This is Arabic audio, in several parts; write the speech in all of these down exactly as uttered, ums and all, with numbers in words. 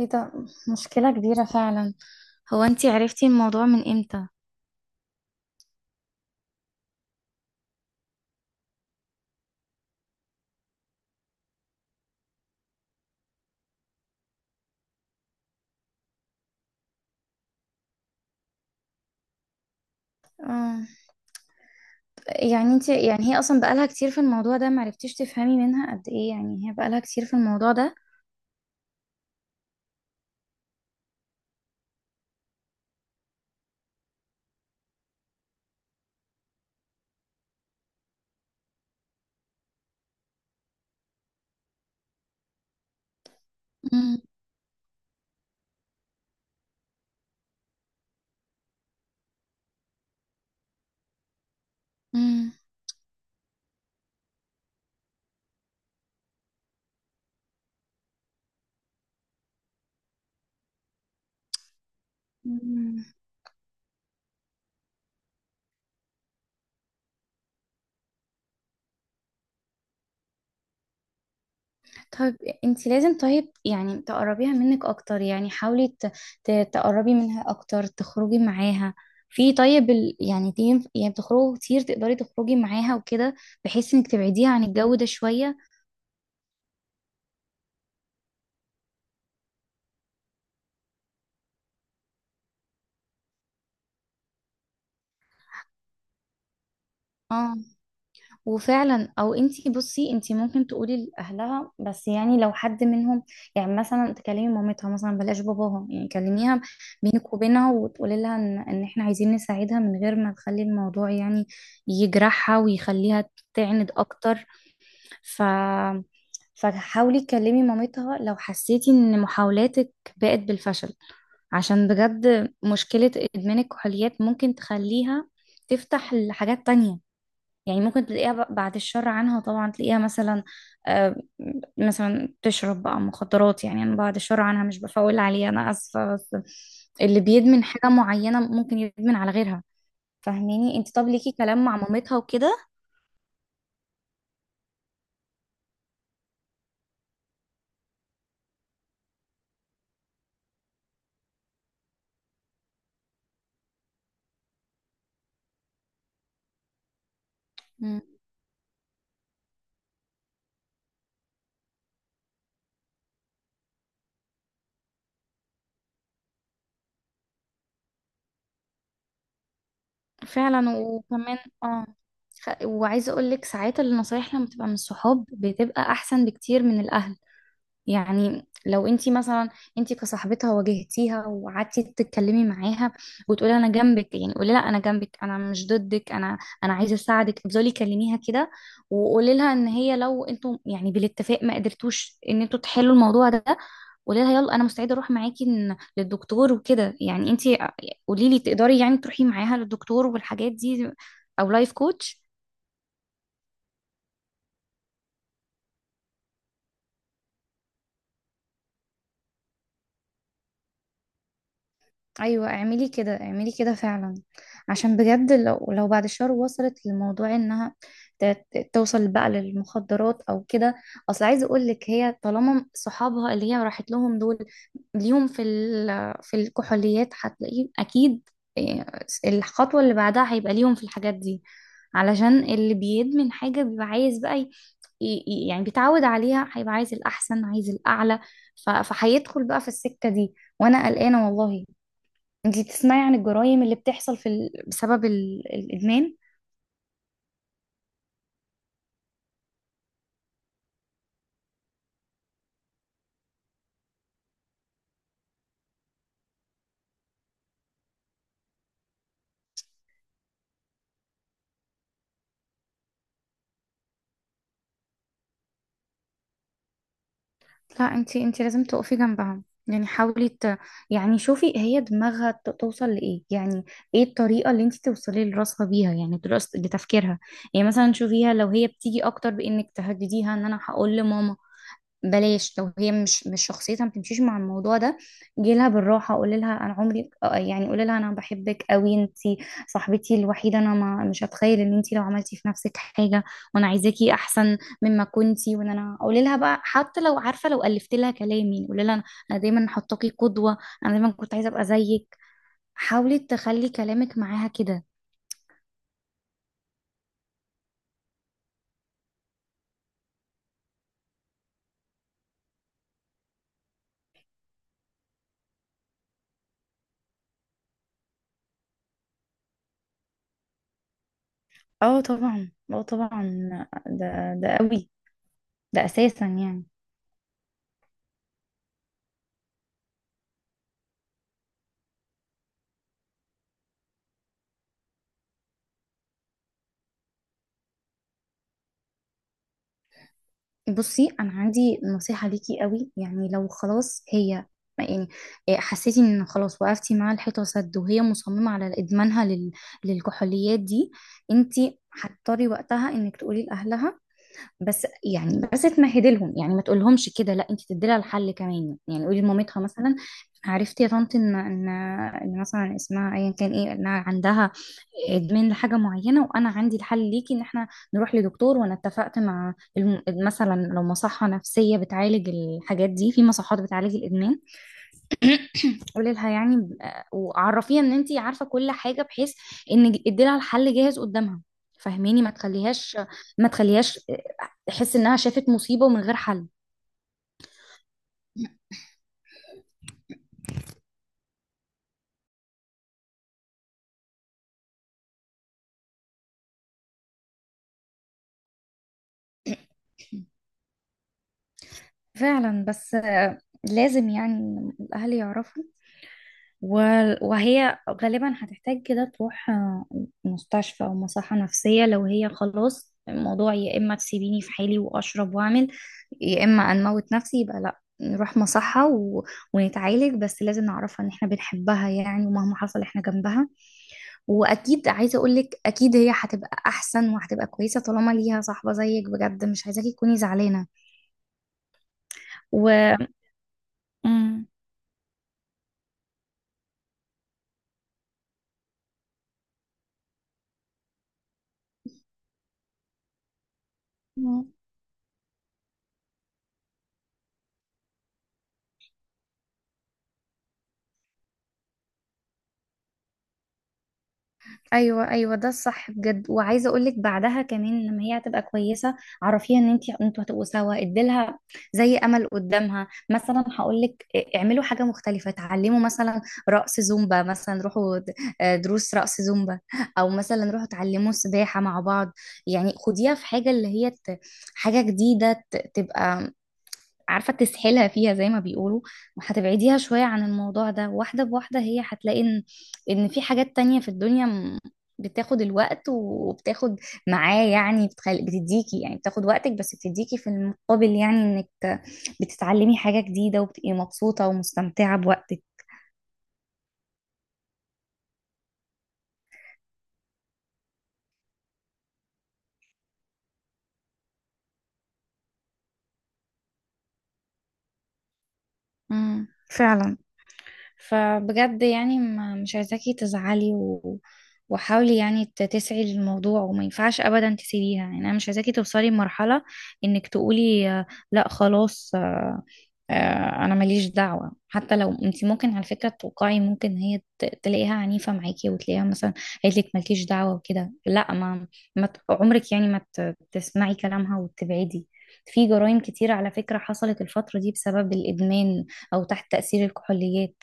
ايه ده؟ مشكلة كبيرة فعلا. هو انتي عرفتي الموضوع من امتى؟ اه، يعني انتي يعني هي اصلا بقالها كتير في الموضوع ده؟ معرفتيش تفهمي منها قد ايه يعني هي بقالها كتير في الموضوع ده؟ مم. مم. مم. طيب، انتي لازم، طيب يعني تقربيها منك اكتر، يعني حاولي ت- ت- تقربي منها اكتر، تخرجي معاها في، طيب ال... يعني تيم، يعني بتخرجوا كتير، تقدري تخرجي معاها وكده، بحيث انك تبعديها عن الجو ده شوية. اه، وفعلا، او انتي بصي، انتي ممكن تقولي لاهلها، بس يعني لو حد منهم، يعني مثلا تكلمي مامتها، مثلا بلاش باباها، يعني كلميها بينك وبينها وتقولي لها ان ان احنا عايزين نساعدها من غير ما نخلي الموضوع يعني يجرحها ويخليها تعند اكتر. ف فحاولي تكلمي مامتها لو حسيتي ان محاولاتك بقت بالفشل، عشان بجد مشكلة ادمان الكحوليات ممكن تخليها تفتح لحاجات تانية. يعني ممكن تلاقيها ب- بعد الشر عنها طبعا، تلاقيها مثلا آه، مثلا بتشرب بقى مخدرات، يعني انا بعد الشر عنها، مش بفول عليها، انا اسفه، بس اللي بيدمن حاجه معينه ممكن يدمن على غيرها. فاهميني انت؟ طب ليكي كلام مع مامتها وكده. مم. فعلا، وكمان اه، خ- وعايزه اقول لك ساعات النصايح لما بتبقى من الصحاب بتبقى احسن بكتير من الاهل. يعني لو انت مثلا، انت كصاحبتها واجهتيها وقعدتي تتكلمي معاها وتقولي انا جنبك، يعني قولي لها انا جنبك، انا مش ضدك، انا انا عايزه اساعدك. افضلي كلميها كده وقولي لها ان هي لو انتوا يعني بالاتفاق ما قدرتوش ان انتوا تحلوا الموضوع ده، قولي لها يلا انا مستعده اروح معاكي ن- للدكتور وكده. يعني انت قولي لي تقدري يعني تروحي معاها للدكتور والحاجات دي او لايف كوتش؟ ايوه اعملي كده، اعملي كده فعلا، عشان بجد لو لو بعد شهر وصلت للموضوع انها ت- ت- توصل بقى للمخدرات او كده. اصل عايزه اقول لك هي طالما صحابها اللي هي راحت لهم دول ليهم في ال- في الكحوليات، هتلاقيه اكيد إيه، الخطوه اللي بعدها هيبقى ليهم في الحاجات دي، علشان اللي بيدمن حاجه بيبقى عايز بقى، ي- ي- يعني بيتعود عليها، هيبقى عايز الاحسن، عايز الاعلى. ف- فهيدخل بقى في السكه دي، وانا قلقانه والله. انتي بتسمعي عن الجرائم اللي بتحصل في ال... بسبب ال... الإدمان؟ لا، انتي انتي لازم تقفي جنبهم، يعني حاولي ت... يعني شوفي هي دماغها ت- توصل لإيه، يعني ايه الطريقة اللي انتي توصلي لراسها بيها، يعني دراسة لتفكيرها. يعني مثلا شوفيها لو هي بتيجي اكتر بإنك تهدديها ان انا هقول لماما، بلاش لو هي مش مش شخصيتها ما بتمشيش مع الموضوع ده. جيلها بالراحه، قولي لها انا عمري آه، يعني قولي لها انا بحبك قوي، انت صاحبتي الوحيده، انا ما مش هتخيل ان انت لو عملتي في نفسك حاجه، وانا عايزاكي احسن مما كنتي، وان انا قولي لها بقى حتى لو عارفه لو الفت لها كلامي، قولي لها انا أنا دايما حطاكي قدوه، انا دايما كنت عايزه ابقى زيك. حاولي تخلي كلامك معاها كده. اه طبعا، اه طبعا، ده ده قوي، ده اساسا يعني. بصي انا عندي نصيحة ليكي قوي، يعني لو خلاص هي يعني إيه، حسيتي ان خلاص وقفتي مع الحيطة سد، وهي مصممة على ادمانها لل... للكحوليات دي، انتي هتضطري وقتها انك تقولي لاهلها، بس يعني بس تمهدي لهم، يعني ما تقولهمش كده، لا انتي تدي لها الحل كمان، يعني قولي لمامتها مثلا عرفتي يا طنط ان ان إن مثلا اسمها ايا كان ايه انها عندها ادمان لحاجه معينه، وانا عندي الحل ليكي ان احنا نروح لدكتور، وانا اتفقت مع الم... مثلا لو مصحه نفسيه بتعالج الحاجات دي، في مصحات بتعالج الادمان. قولي لها يعني ب- وعرفيها ان انت عارفه كل حاجه، بحيث ان ادي لها الحل جاهز قدامها. فهميني، ما تخليهاش، ما تخليهاش تحس انها شافت مصيبه ومن غير حل. فعلا بس آه، لازم يعني الأهل يعرفوا، و- وهي غالبا هتحتاج كده تروح آه، مستشفى أو مصحة نفسية. لو هي خلاص الموضوع يا إما تسيبيني في حالي وأشرب وأعمل، يا إما أنموت نفسي، يبقى لأ، نروح مصحة و... ونتعالج، بس لازم نعرفها إن إحنا بنحبها يعني، ومهما حصل إحنا جنبها. وأكيد عايزة أقولك أكيد هي هتبقى أحسن وهتبقى كويسة طالما ليها صاحبة زيك. بجد مش عايزاكي تكوني زعلانة و... مم. ايوه ايوه، ده الصح بجد. وعايزه اقول لك بعدها كمان لما هي هتبقى كويسه، عرفيها ان انت انتوا هتبقوا سوا، اديلها زي امل قدامها. مثلا هقول لك اعملوا حاجه مختلفه، اتعلموا مثلا رقص زومبا، مثلا روحوا د- آه، دروس رقص زومبا، او مثلا روحوا اتعلموا سباحه مع بعض. يعني خديها في حاجه، اللي هي ت- حاجه جديده ت- تبقى عارفة تسحلها فيها زي ما بيقولوا. هتبعديها شوية عن الموضوع ده، واحدة بواحدة هي هتلاقي ان ان في حاجات تانية في الدنيا م- بتاخد الوقت وبتاخد معاه، يعني بتخل... بتديكي يعني، بتاخد وقتك بس بتديكي في المقابل، يعني انك ت- بتتعلمي حاجة جديدة وبتبقي مبسوطة ومستمتعة بوقتك. امم، فعلا. فبجد يعني ما- مش عايزاكي تزعلي و... وحاولي يعني ت- تسعي للموضوع، وما ينفعش ابدا تسيبيها. يعني انا مش عايزاكي توصلي لمرحله انك تقولي آه، لا خلاص، آه، انا ماليش دعوه. حتى لو انت ممكن على فكره توقعي، ممكن هي ت- تلاقيها عنيفه معاكي، وتلاقيها مثلا قالت لك مالكيش دعوه وكده، لا ما, ما ت- عمرك يعني ما ت- تسمعي كلامها وتبعدي. في جرائم كتير على فكره حصلت الفتره دي بسبب الادمان او تحت تاثير الكحوليات،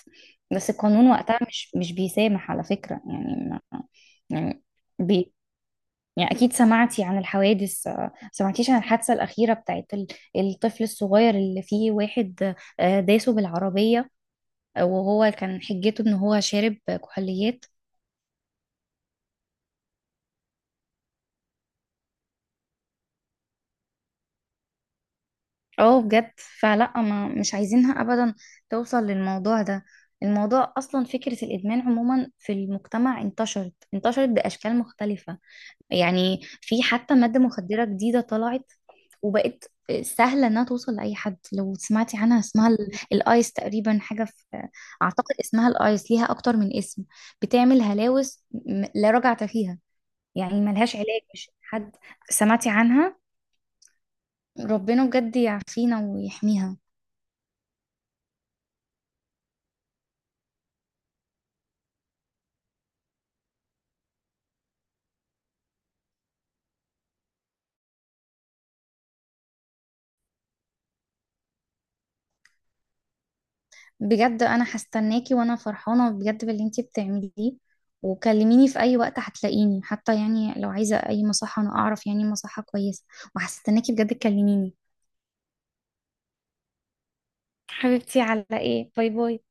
بس القانون وقتها مش مش بيسامح على فكره، يعني ما يعني، يعني أكيد سمعتي عن الحوادث آه، سمعتيش عن الحادثة الأخيرة بتاعت ال- الطفل الصغير اللي فيه واحد آه، داسه بالعربية آه، وهو كان حجته إن هو شارب كحوليات؟ اه بجد، فلا ما مش عايزينها أبدا توصل للموضوع ده. الموضوع أصلا فكرة الإدمان عموما في المجتمع انتشرت، انتشرت بأشكال مختلفة. يعني في حتى مادة مخدرة جديدة طلعت وبقت سهلة انها توصل لأي حد. لو سمعتي عنها اسمها ال- الايس تقريبا، حاجة في اعتقد اسمها الايس، ليها اكتر من اسم، بتعمل هلاوس م- لا رجعة فيها، يعني ملهاش علاج. مش حد سمعتي عنها؟ ربنا بجد يعافينا ويحميها. بجد انا هستناكي، وانا فرحانه بجد باللي انتي بتعمليه، وكلميني في اي وقت هتلاقيني. حتى يعني لو عايزه اي مصحه، انا اعرف يعني مصحه كويسه، وهستناكي بجد تكلميني. حبيبتي، على ايه، باي باي.